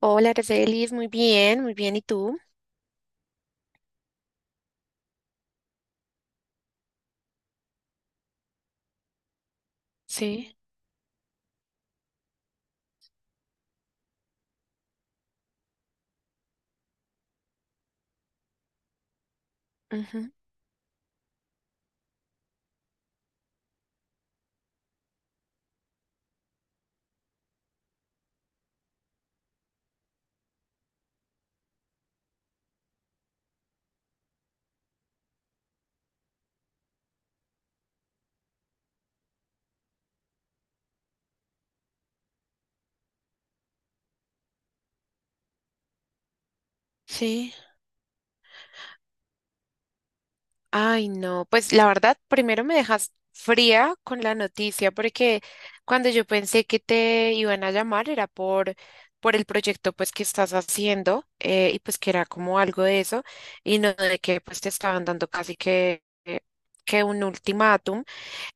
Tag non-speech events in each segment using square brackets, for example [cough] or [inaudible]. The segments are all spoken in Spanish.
Hola, Aracelis, muy bien, muy bien. ¿Y tú? Sí. Ujú. Sí. Ay, no, pues la verdad, primero me dejas fría con la noticia, porque cuando yo pensé que te iban a llamar era por el proyecto pues que estás haciendo, y pues que era como algo de eso, y no de que pues te estaban dando casi que un ultimátum.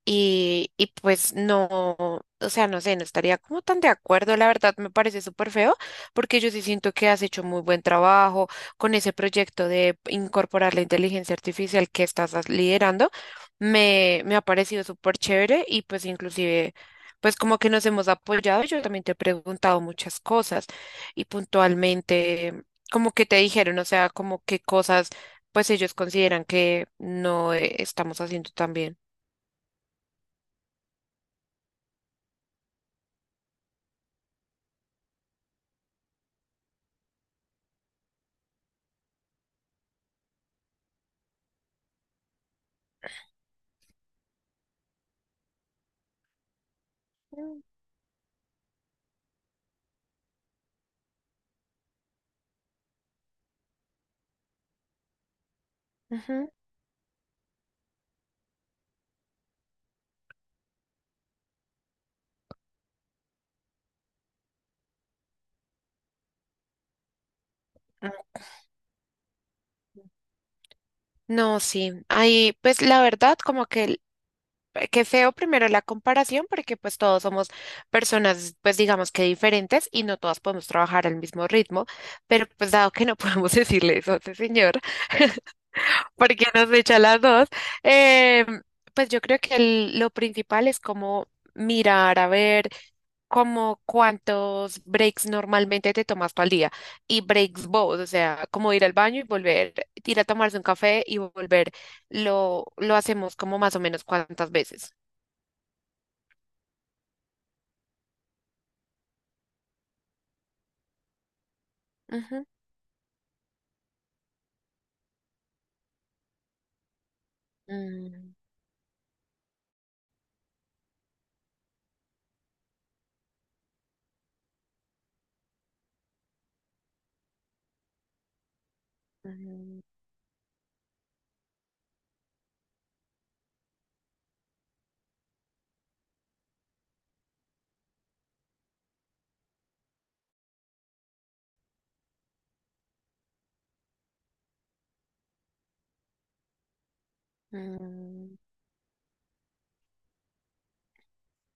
Y pues no, o sea, no sé, no estaría como tan de acuerdo, la verdad me parece súper feo, porque yo sí siento que has hecho muy buen trabajo con ese proyecto de incorporar la inteligencia artificial que estás liderando, me ha parecido súper chévere y pues inclusive, pues como que nos hemos apoyado, yo también te he preguntado muchas cosas y puntualmente, como que te dijeron, o sea, como qué cosas pues ellos consideran que no estamos haciendo tan bien. Ajá. Ah, no, sí. Ahí, pues la verdad, como que qué feo primero la comparación, porque pues todos somos personas, pues digamos que diferentes y no todas podemos trabajar al mismo ritmo, pero pues dado que no [laughs] podemos decirle eso a ese señor, [laughs] porque nos echa las dos, eh, pues yo creo que lo principal es como mirar, a ver, como cuántos breaks normalmente te tomas tú al día y breaks vos, o sea, como ir al baño y volver, ir a tomarse un café y volver, lo hacemos como más o menos cuántas veces. Ujú. Mm, mm, mm,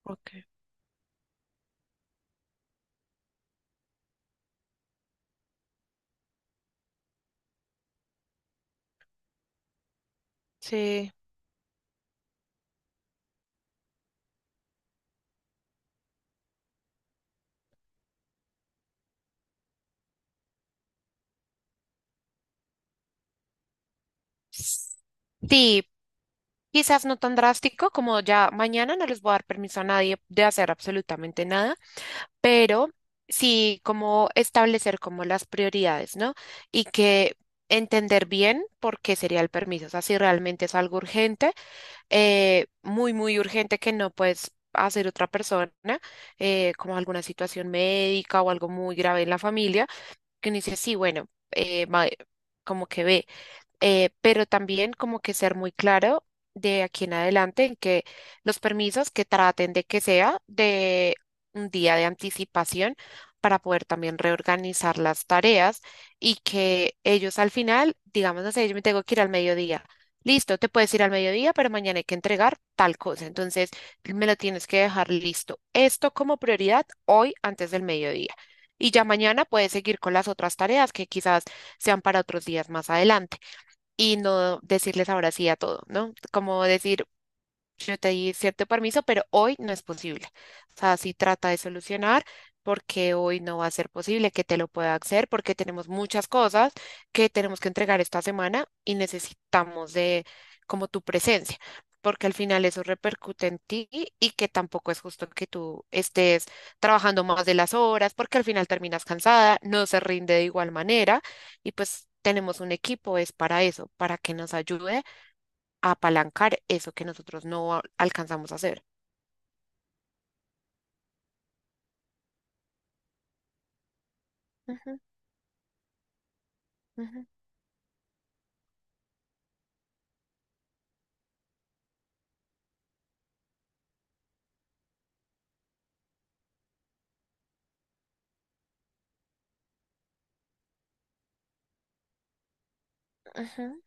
ok. Sí. S- Sí, quizás no tan drástico como ya mañana no les voy a dar permiso a nadie de hacer absolutamente nada, pero sí como establecer como las prioridades, ¿no? Y que entender bien por qué sería el permiso, o sea, si realmente es algo urgente, muy, muy urgente que no puedes hacer otra persona, como alguna situación médica o algo muy grave en la familia, que uno dice, sí, bueno, como que ve, pero también como que ser muy claro de aquí en adelante en que los permisos que traten de que sea de un día de anticipación para poder también reorganizar las tareas y que ellos al final, digamos, no sé, yo me tengo que ir al mediodía. Listo, te puedes ir al mediodía, pero mañana hay que entregar tal cosa. Entonces, me lo tienes que dejar listo. Esto como prioridad hoy antes del mediodía. Y ya mañana puedes seguir con las otras tareas que quizás sean para otros días más adelante y no decirles ahora sí a todo, ¿no? Como decir, yo te di cierto permiso, pero hoy no es posible. O sea, sí trata de solucionar porque hoy no va a ser posible que te lo pueda hacer porque tenemos muchas cosas que tenemos que entregar esta semana y necesitamos de como tu presencia, porque al final eso repercute en ti y que tampoco es justo que tú estés trabajando más de las horas porque al final terminas cansada, no se rinde de igual manera y pues tenemos un equipo, es para eso, para que nos ayude apalancar eso que nosotros no alcanzamos a hacer. Ujú, ujú, ujú.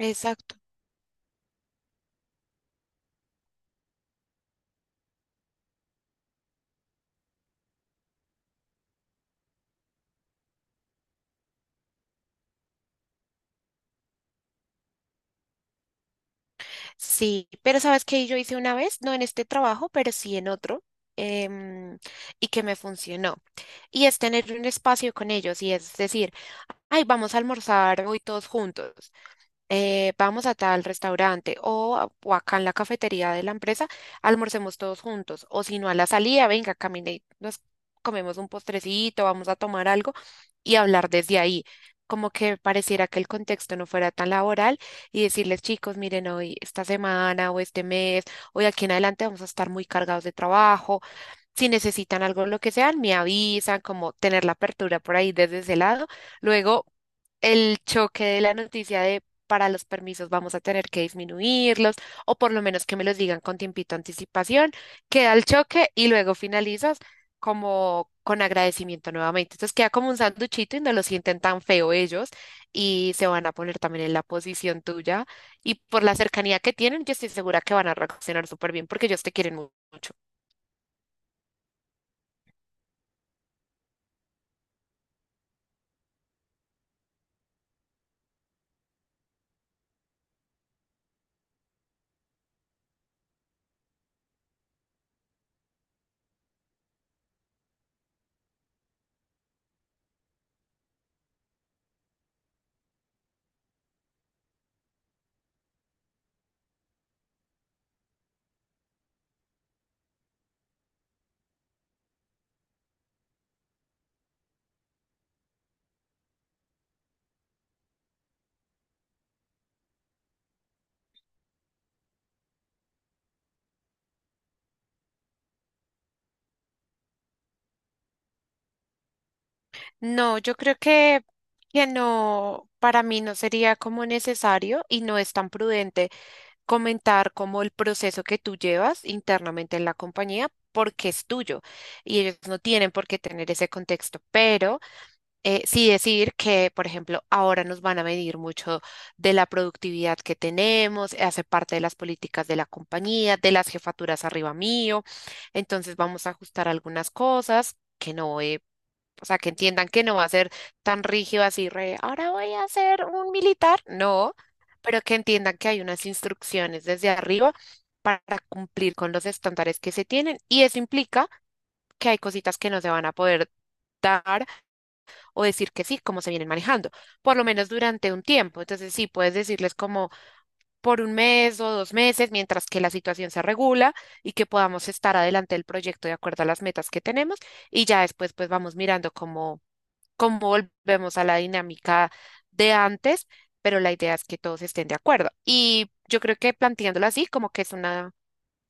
Exacto. Sí, pero ¿sabes qué yo hice una vez? No en este trabajo, pero sí en otro. em, y que me funcionó. Y es tener un espacio con ellos y es decir, ay, vamos a almorzar hoy todos juntos. Vamos a tal restaurante o acá en la cafetería de la empresa, almorcemos todos juntos. O si no, a la salida, venga, camine, y nos comemos un postrecito, vamos a tomar algo y hablar desde ahí. Como que pareciera que el contexto no fuera tan laboral y decirles, chicos, miren, hoy, esta semana o este mes, hoy aquí en adelante vamos a estar muy cargados de trabajo, si necesitan algo, lo que sean, me avisan, como tener la apertura por ahí desde ese lado. Luego, el choque de la noticia de para los permisos vamos a tener que disminuirlos, o por lo menos que me los digan con tiempito de anticipación, queda el choque y luego finalizas como con agradecimiento nuevamente. Entonces queda como un sanduchito y no lo sienten tan feo ellos y se van a poner también en la posición tuya y por la cercanía que tienen, yo estoy segura que van a reaccionar súper bien porque ellos te quieren mucho. No, yo creo que no, para mí no sería como necesario y no es tan prudente comentar como el proceso que tú llevas internamente en la compañía porque es tuyo y ellos no tienen por qué tener ese contexto, pero sí decir que, por ejemplo, ahora nos van a medir mucho de la productividad que tenemos, hace parte de las políticas de la compañía, de las jefaturas arriba mío, entonces vamos a ajustar algunas cosas que no he o sea, que entiendan que no va a ser tan rígido así, re, ahora voy a ser un militar. No, pero que entiendan que hay unas instrucciones desde arriba para cumplir con los estándares que se tienen. Y eso implica que hay cositas que no se van a poder dar o decir que sí, como se vienen manejando, por lo menos durante un tiempo. Entonces, sí, puedes decirles como por un mes o 2 meses, mientras que la situación se regula y que podamos estar adelante del proyecto de acuerdo a las metas que tenemos. Y ya después, pues vamos mirando cómo como volvemos a la dinámica de antes, pero la idea es que todos estén de acuerdo. Y yo creo que planteándolo así, como que es una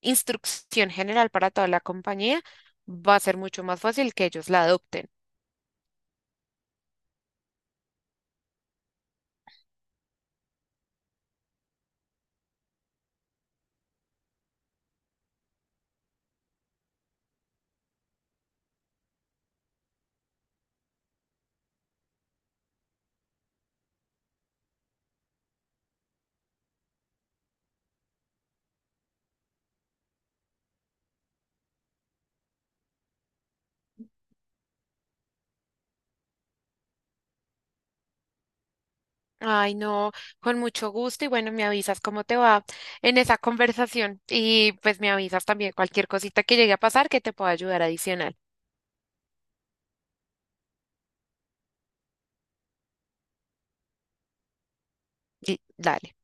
instrucción general para toda la compañía, va a ser mucho más fácil que ellos la adopten. Ay, no, con mucho gusto y bueno, me avisas cómo te va en esa conversación y pues me avisas también cualquier cosita que llegue a pasar que te pueda ayudar adicional. Y dale.